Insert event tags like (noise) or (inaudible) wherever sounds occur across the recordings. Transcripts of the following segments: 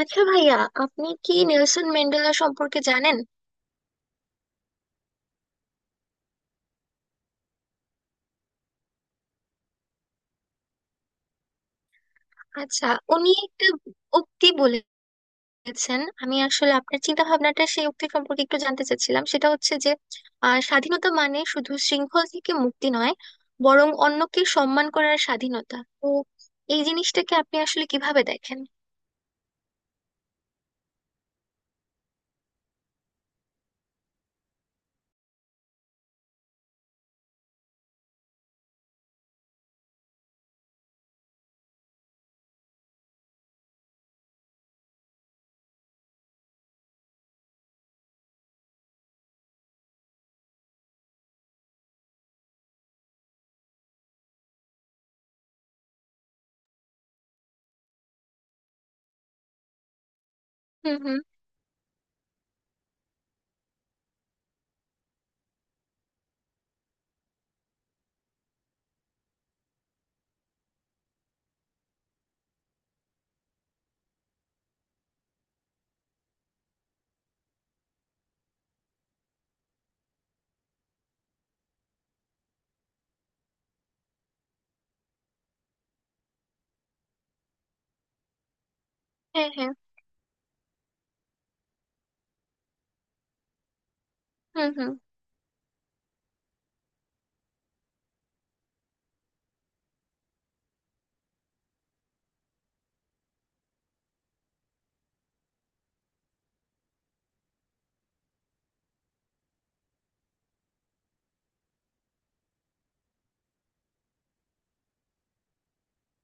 আচ্ছা ভাইয়া, আপনি কি নেলসন ম্যান্ডেলা সম্পর্কে জানেন? আচ্ছা, উনি একটা উক্তি বলেছেন। আমি আসলে আপনার চিন্তা ভাবনাটা সেই উক্তি সম্পর্কে একটু জানতে চাচ্ছিলাম। সেটা হচ্ছে যে স্বাধীনতা মানে শুধু শৃঙ্খল থেকে মুক্তি নয়, বরং অন্যকে সম্মান করার স্বাধীনতা। তো এই জিনিসটাকে আপনি আসলে কিভাবে দেখেন? হুম, হুম। হ্যাঁ, হ্যাঁ। হুম, হুম,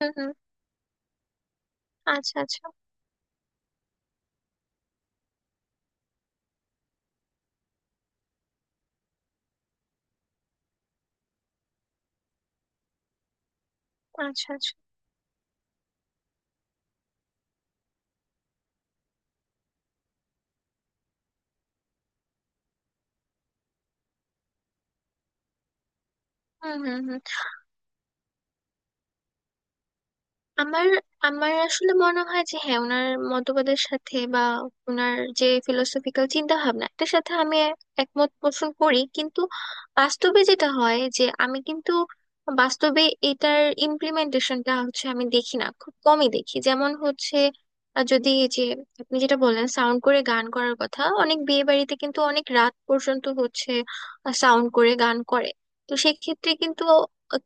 হুম, হুম। আচ্ছা, আচ্ছা। আচ্ছা, আচ্ছা। হুম, হুম, হুম। আমার আমার আসলে মনে হয় যে হ্যাঁ, ওনার মতবাদের সাথে বা ওনার যে ফিলোসফিক্যাল চিন্তা ভাবনা, এটার সাথে আমি একমত পোষণ করি। কিন্তু বাস্তবে যেটা হয় যে আমি কিন্তু বাস্তবে এটার ইমপ্লিমেন্টেশনটা হচ্ছে আমি দেখি না, খুব কমই দেখি। যেমন হচ্ছে যদি এই যে আপনি যেটা বললেন সাউন্ড করে গান করার কথা, অনেক বিয়ে বাড়িতে কিন্তু অনেক রাত পর্যন্ত হচ্ছে সাউন্ড করে গান করে। তো সেক্ষেত্রে কিন্তু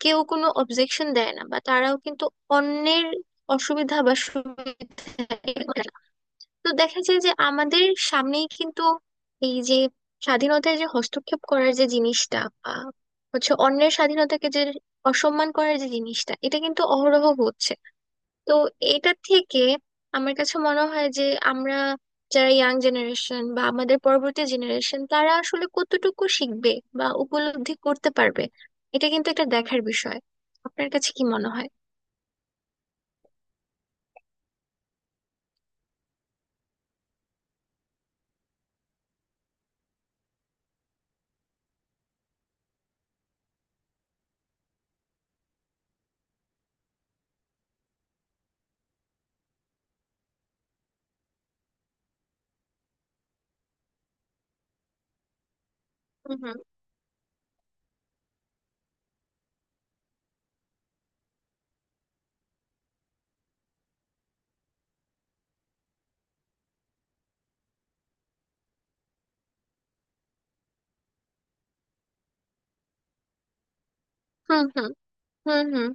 কেউ কোনো অবজেকশন দেয় না, বা তারাও কিন্তু অন্যের অসুবিধা বা সুবিধা (unintelligible) টের পায় না। তো দেখা যায় যে আমাদের সামনেই কিন্তু এই যে স্বাধীনতায় যে হস্তক্ষেপ করার যে জিনিসটা, বা হচ্ছে অন্যের স্বাধীনতাকে যে অসম্মান করার যে জিনিসটা, এটা কিন্তু অহরহ হচ্ছে। তো এটা থেকে আমার কাছে মনে হয় যে আমরা যারা ইয়াং জেনারেশন বা আমাদের পরবর্তী জেনারেশন তারা আসলে কতটুকু শিখবে বা উপলব্ধি করতে পারবে, এটা কিন্তু একটা দেখার বিষয়। আপনার কাছে কি মনে হয়? হুম, হুম, হুম, হুম। হুম,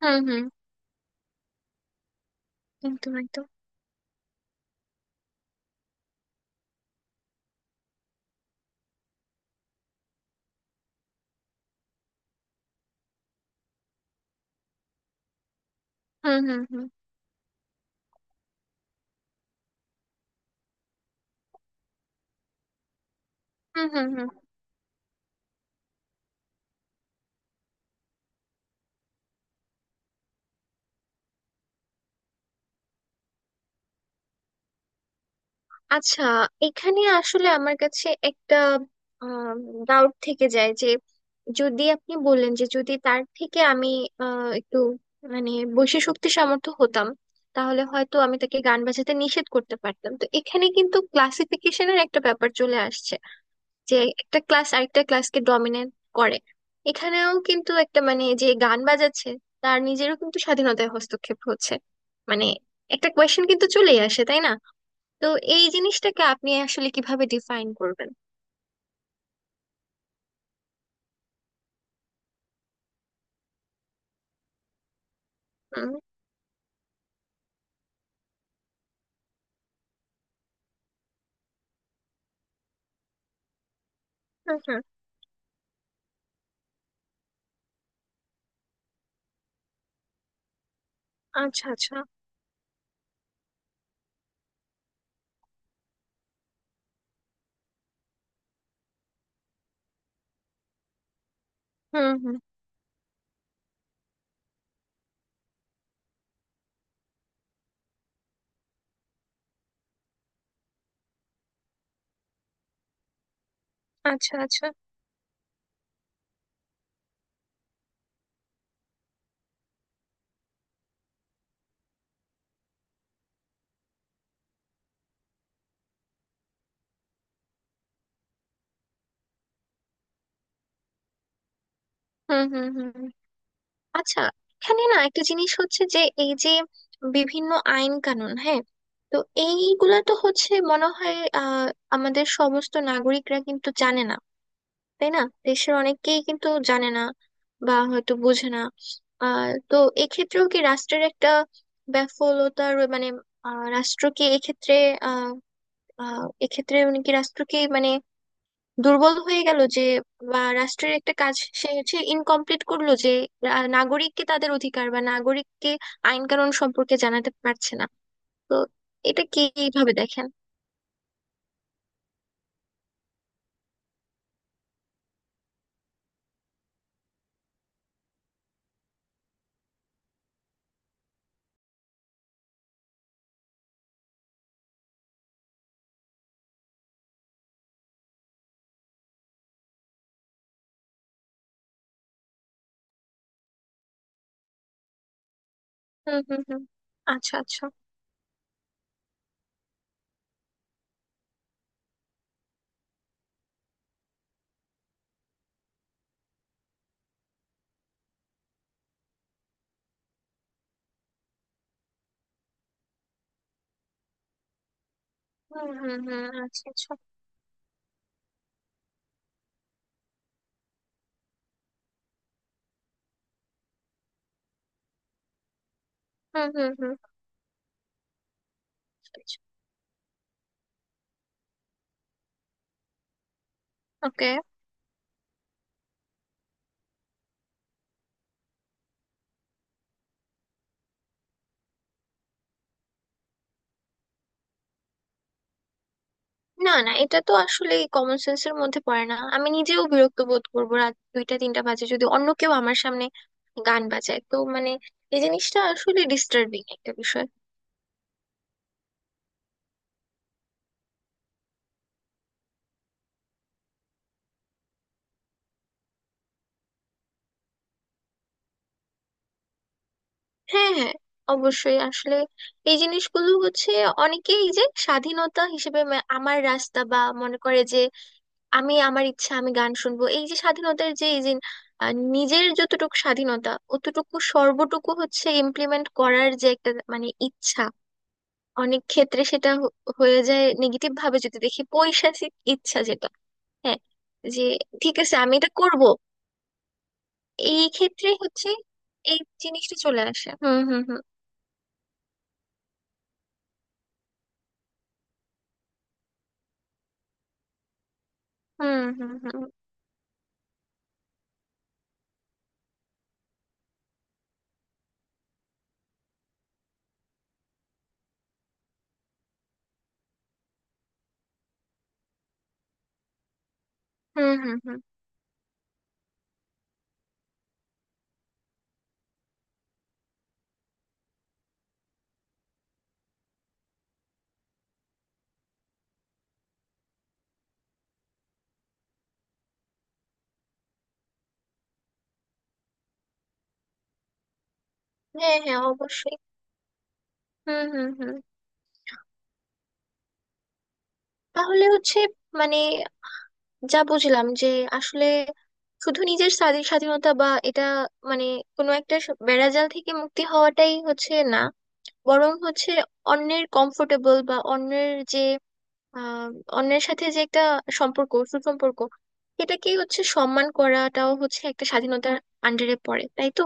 হুম, হুম, হুম। একদম, একদম। হুম, হুম, হুম। হুম, হুম, হুম। আচ্ছা, এখানে আসলে আমার কাছে একটা ডাউট থেকে যায় যে যদি আপনি বললেন যে যদি তার থেকে আমি একটু মানে বৈশী শক্তি সামর্থ্য হতাম, তাহলে হয়তো আমি তাকে গান বাজাতে নিষেধ করতে পারতাম। তো এখানে কিন্তু ক্লাসিফিকেশনের একটা ব্যাপার চলে আসছে যে একটা ক্লাস আরেকটা ক্লাসকে ডমিনেট করে। এখানেও কিন্তু একটা মানে যে গান বাজাচ্ছে তার নিজেরও কিন্তু স্বাধীনতায় হস্তক্ষেপ হচ্ছে, মানে একটা কোয়েশ্চেন কিন্তু চলেই আসে, তাই না? তো এই জিনিসটাকে আপনি আসলে কিভাবে ডিফাইন করবেন? হুম, হুম, হুম। আচ্ছা, আচ্ছা। হুম, হুম। আচ্ছা, আচ্ছা। হুম, হুম, হুম, হুম। আচ্ছা, এখানে না একটা জিনিস হচ্ছে যে এই যে বিভিন্ন আইন কানুন, হ্যাঁ। তো এইগুলা তো হচ্ছে মনে হয় আমাদের সমস্ত নাগরিকরা কিন্তু জানে না, তাই না? দেশের অনেকেই কিন্তু জানে না, বা হয়তো বোঝে না। তো এক্ষেত্রেও কি রাষ্ট্রের একটা ব্যাফলতার মানে, রাষ্ট্র কি এক্ষেত্রে, এক্ষেত্রে উনি কি রাষ্ট্রকে মানে দুর্বল হয়ে গেল, যে বা রাষ্ট্রের একটা কাজ সে হচ্ছে ইনকমপ্লিট করলো, যে নাগরিককে তাদের অধিকার বা নাগরিককে আইন কানুন সম্পর্কে জানাতে পারছে না? তো এটা কি এইভাবে দেখেন? হুম, হুম, হুম। আচ্ছা, আচ্ছা। হুম, হুম, হুম। আচ্ছা, আচ্ছা। হুম, হুম, হুম। আচ্ছা, আচ্ছা। ওকে। না, না, এটা তো আসলে কমন সেন্সের মধ্যে পড়ে না। আমি নিজেও বিরক্ত বোধ করবো রাত দুইটা তিনটা বাজে যদি অন্য কেউ আমার সামনে গান বাজায়। তো মানে এই জিনিসটা আসলে ডিস্টার্বিং একটা বিষয়। হ্যাঁ, হ্যাঁ, অবশ্যই। আসলে এই জিনিসগুলো হচ্ছে, অনেকেই এই যে স্বাধীনতা হিসেবে আমার রাস্তা বা মনে করে যে আমি আমার ইচ্ছা, আমি গান শুনবো। এই যে স্বাধীনতার যে এই যে নিজের যতটুকু স্বাধীনতা অতটুকু সর্বটুকু হচ্ছে ইমপ্লিমেন্ট করার যে একটা মানে ইচ্ছা, অনেক ক্ষেত্রে সেটা হয়ে যায় নেগেটিভ ভাবে, যদি দেখি পৈশাচিক ইচ্ছা যেটা। হ্যাঁ, যে ঠিক আছে আমি এটা করব। এই ক্ষেত্রে হচ্ছে এই জিনিসটা চলে আসে। হুম, হুম, হুম। হুম, হুম, হুম। হুম, হুম, হুম। হ্যাঁ, হ্যাঁ, অবশ্যই। হুম, হুম, হুম। তাহলে হচ্ছে মানে যা বুঝলাম যে আসলে শুধু নিজের স্বাধীনতা, বা এটা মানে কোনো একটা বেড়াজাল থেকে মুক্তি হওয়াটাই হচ্ছে না, বরং হচ্ছে অন্যের কমফোর্টেবল বা অন্যের যে আহ অন্যের সাথে যে একটা সম্পর্ক সুসম্পর্ক, এটাকেই হচ্ছে সম্মান করাটাও হচ্ছে একটা স্বাধীনতার আন্ডারে পড়ে, তাই তো?